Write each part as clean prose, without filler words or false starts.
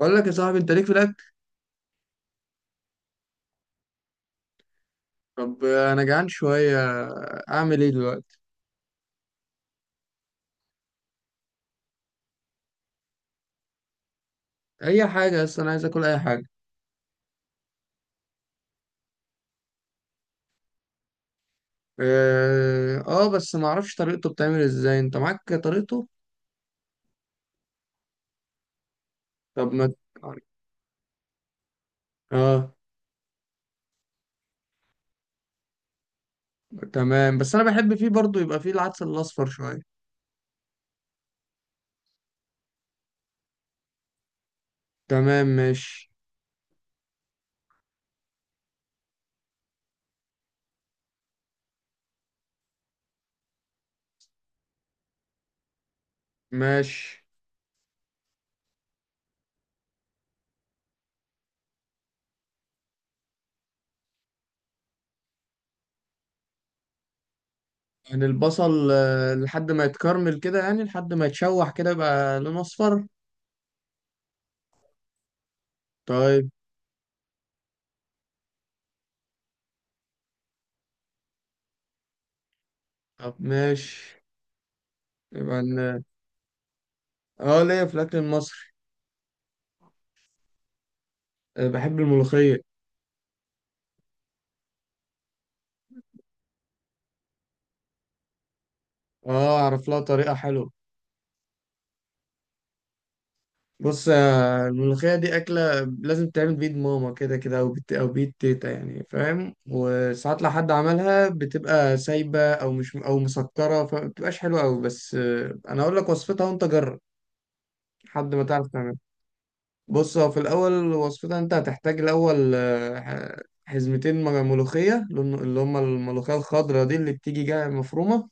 بقول لك يا صاحبي، انت ليك في الاكل. طب، انا جعان شويه. اعمل ايه دلوقتي؟ اي حاجه، بس انا عايز اكل اي حاجه. اه. بس ما اعرفش طريقته، بتعمل ازاي؟ انت معاك طريقته؟ طب ما. اه. تمام، بس انا بحب فيه برضو يبقى فيه العدس الاصفر شويه. تمام، ماشي، ماشي. يعني البصل، لحد ما يتكرمل كده، يعني لحد ما يتشوح كده يبقى لونه اصفر. طيب. طب، ماشي. يبقى ن-. اه، ليا في الاكل المصري. بحب الملوخيه. اه، اعرف لها طريقة حلوة. بص، الملوخية دي أكلة لازم تعمل بيد ماما كده كده، أو بيد تيتا، يعني فاهم. وساعات لو حد عملها بتبقى سايبة، أو مش أو مسكرة، فمبتبقاش حلوة أوي. بس، أنا أقول لك وصفتها وأنت جرب. لحد ما تعرف تعملها. بص، هو في الأول وصفتها، أنت هتحتاج الأول، حزمتين ملوخية، اللي هم الملوخية الخضراء دي اللي بتيجي جاية مفرومة.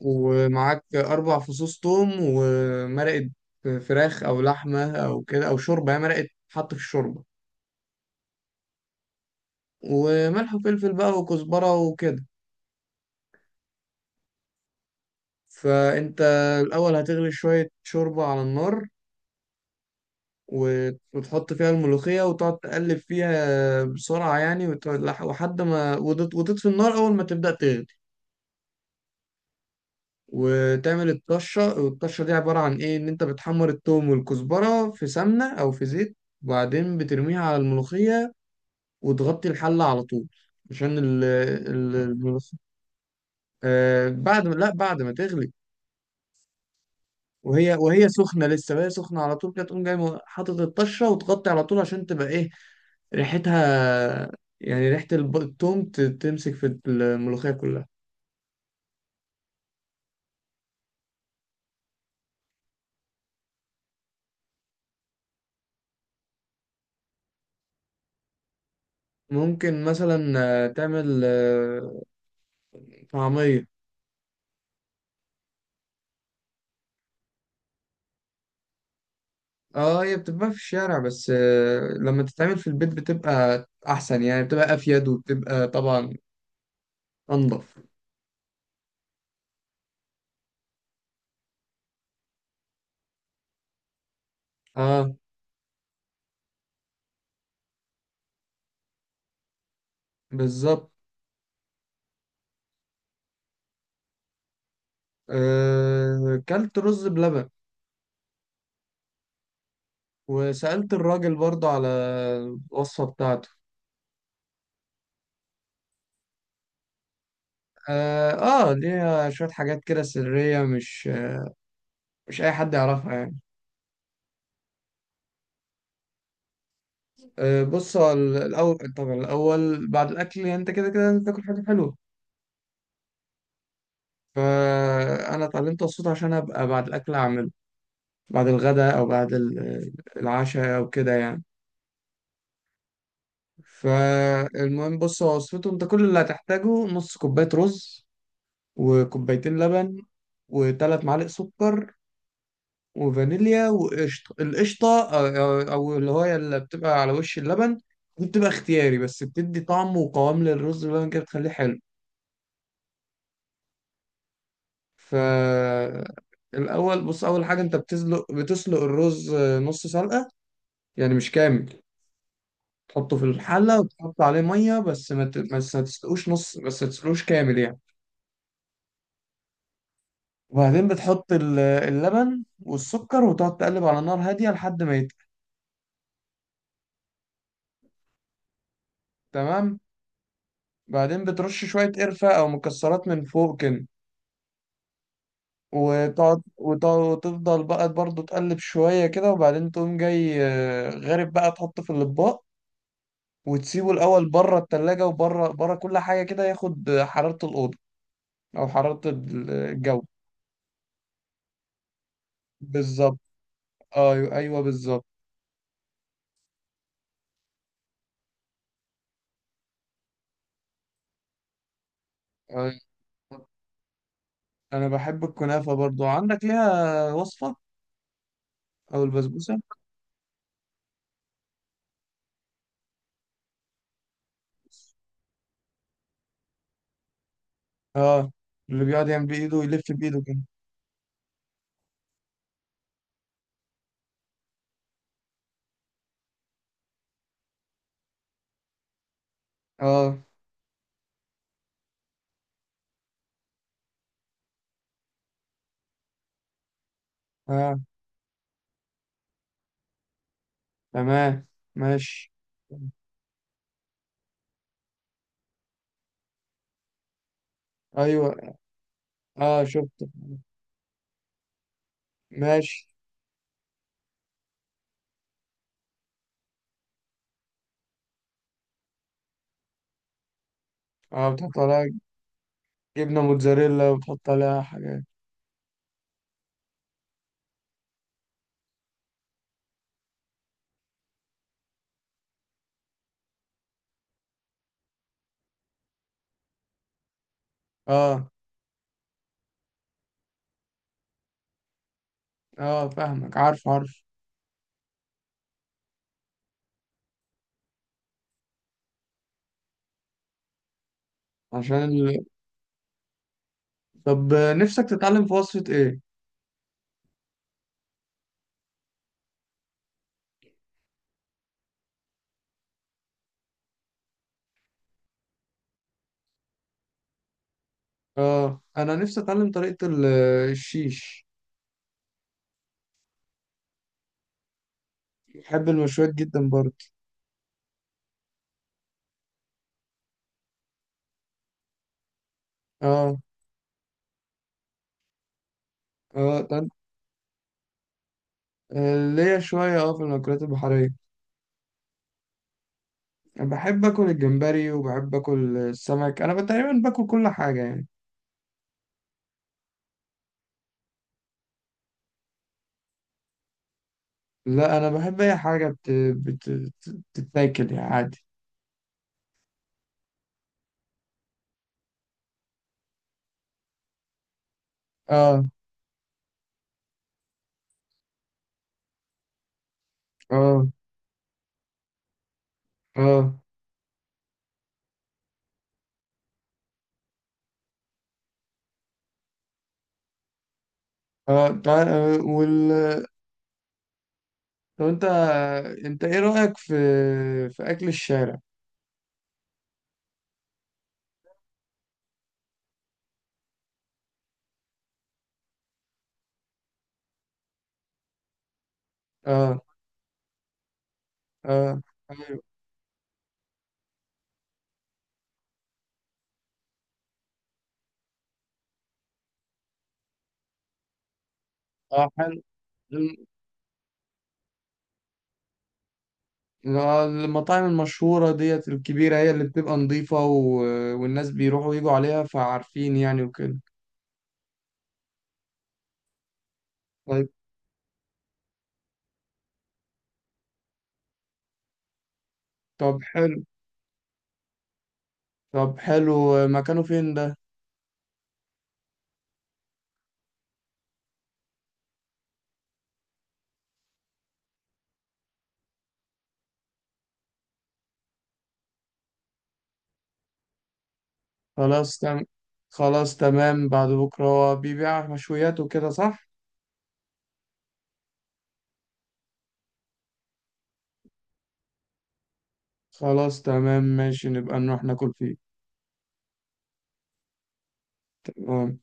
ومعاك 4 فصوص توم، ومرقة فراخ أو لحمة أو كده، أو شوربة هي مرقة، حط في الشوربة. وملح وفلفل بقى وكزبرة وكده. فأنت الأول هتغلي شوية شوربة على النار. وتحط فيها الملوخية، وتقعد تقلب فيها بسرعة يعني، وتقعد وحد ما وتطفي النار أول ما تبدأ تغلي. وتعمل الطشة، والطشة دي عبارة عن إيه؟ إن أنت بتحمر التوم والكزبرة في سمنة أو في زيت. وبعدين بترميها على الملوخية. وتغطي الحلة على طول. عشان ال الملوخية. آه. بعد ما لا، بعد ما تغلي. وهي سخنة لسه، وهي سخنة على طول كده، تقوم جاي حاطط الطشة وتغطي على طول عشان تبقى ايه؟ ريحتها. يعني ريحة التوم تمسك في الملوخية كلها. ممكن مثلا تعمل طعمية. اه، هي بتتباع في الشارع، بس لما تتعمل في البيت بتبقى احسن، يعني بتبقى افيد، وبتبقى طبعا انضف. اه، بالظبط. كلت رز بلبن. وسألت الراجل برضه على الوصفة بتاعته. اه. ليها شوية حاجات كده سرية، مش أي حد يعرفها يعني. آه، بص، هو الأول طبعا، الأول بعد الأكل، يعني أنت كده كده لازم تاكل حاجة حلوة. فأنا اتعلمت الصوت عشان أبقى بعد الأكل أعمله. بعد الغداء، أو بعد العشاء أو كده يعني. فالمهم، بص، هو وصفته، أنت كل اللي هتحتاجه نص كوباية رز. وكوبايتين لبن. و3 معالق سكر. وفانيليا وقشطة. القشطة، أو أو اللي هو اللي بتبقى على وش اللبن. دي بتبقى اختياري، بس بتدي طعم وقوام للرز باللبن كده، بتخليه حلو. ف الأول بص، أول حاجة، أنت بتسلق الرز، نص سلقة. يعني مش كامل. تحطه في الحلة وتحط عليه مية، بس ما تسلقوش نص، بس ما تسلقوش كامل يعني. وبعدين بتحط اللبن والسكر، وتقعد تقلب على نار هادية لحد ما يتقل. تمام. بعدين بترش شوية قرفة أو مكسرات من فوق كده. وتقعد، وتفضل بقى برضه تقلب شوية كده، وبعدين تقوم جاي غارب بقى تحطه في الأطباق. وتسيبه الأول بره التلاجة، وبره بره كل حاجة كده، ياخد حرارة الأوضة. أو حرارة الجو. بالظبط. أيوه، أيوه، بالظبط. أيوة. أنا بحب الكنافة برضه. عندك ليها وصفة؟ أو البسبوسة. أه. اللي بيقعد يعمل بإيده ويلف بإيده كده. أه. أه. تمام، ماشي. ايوه. اه، شفت. ماشي. اه، بتحط عليها جبنه موتزاريلا، وبتحط عليها حاجات. اه. اه، فاهمك، عارف، عارف. عشان ال-. طب، نفسك تتعلم في وصفه ايه؟ اه، انا نفسي اتعلم طريقه الشيش. بحب المشويات جدا برضه. اه، اه، طب، ليا شويه، اه، في المأكولات البحريه. بحب اكل الجمبري، وبحب اكل السمك، انا تقريبا باكل كل حاجه يعني. لا، انا بحب اي حاجه بتتاكل يعني عادي. اه. اه. اه. اه. تعال، وال. طب، انت ايه رأيك في اكل الشارع؟ اه. اه. ايوه. اه، حلو. الم- المطاعم المشهورة ديت الكبيرة، هي اللي بتبقى نظيفة، والناس بيروحوا ويجوا عليها، فعارفين يعني وكده. طيب. طب، حلو. طب، حلو، مكانه فين ده؟ خلاص تم... خلاص تمام، بعد بكرة هو بيبيع مشويات وكده، صح؟ خلاص، تمام، ماشي، نبقى نروح ناكل فيه. تمام.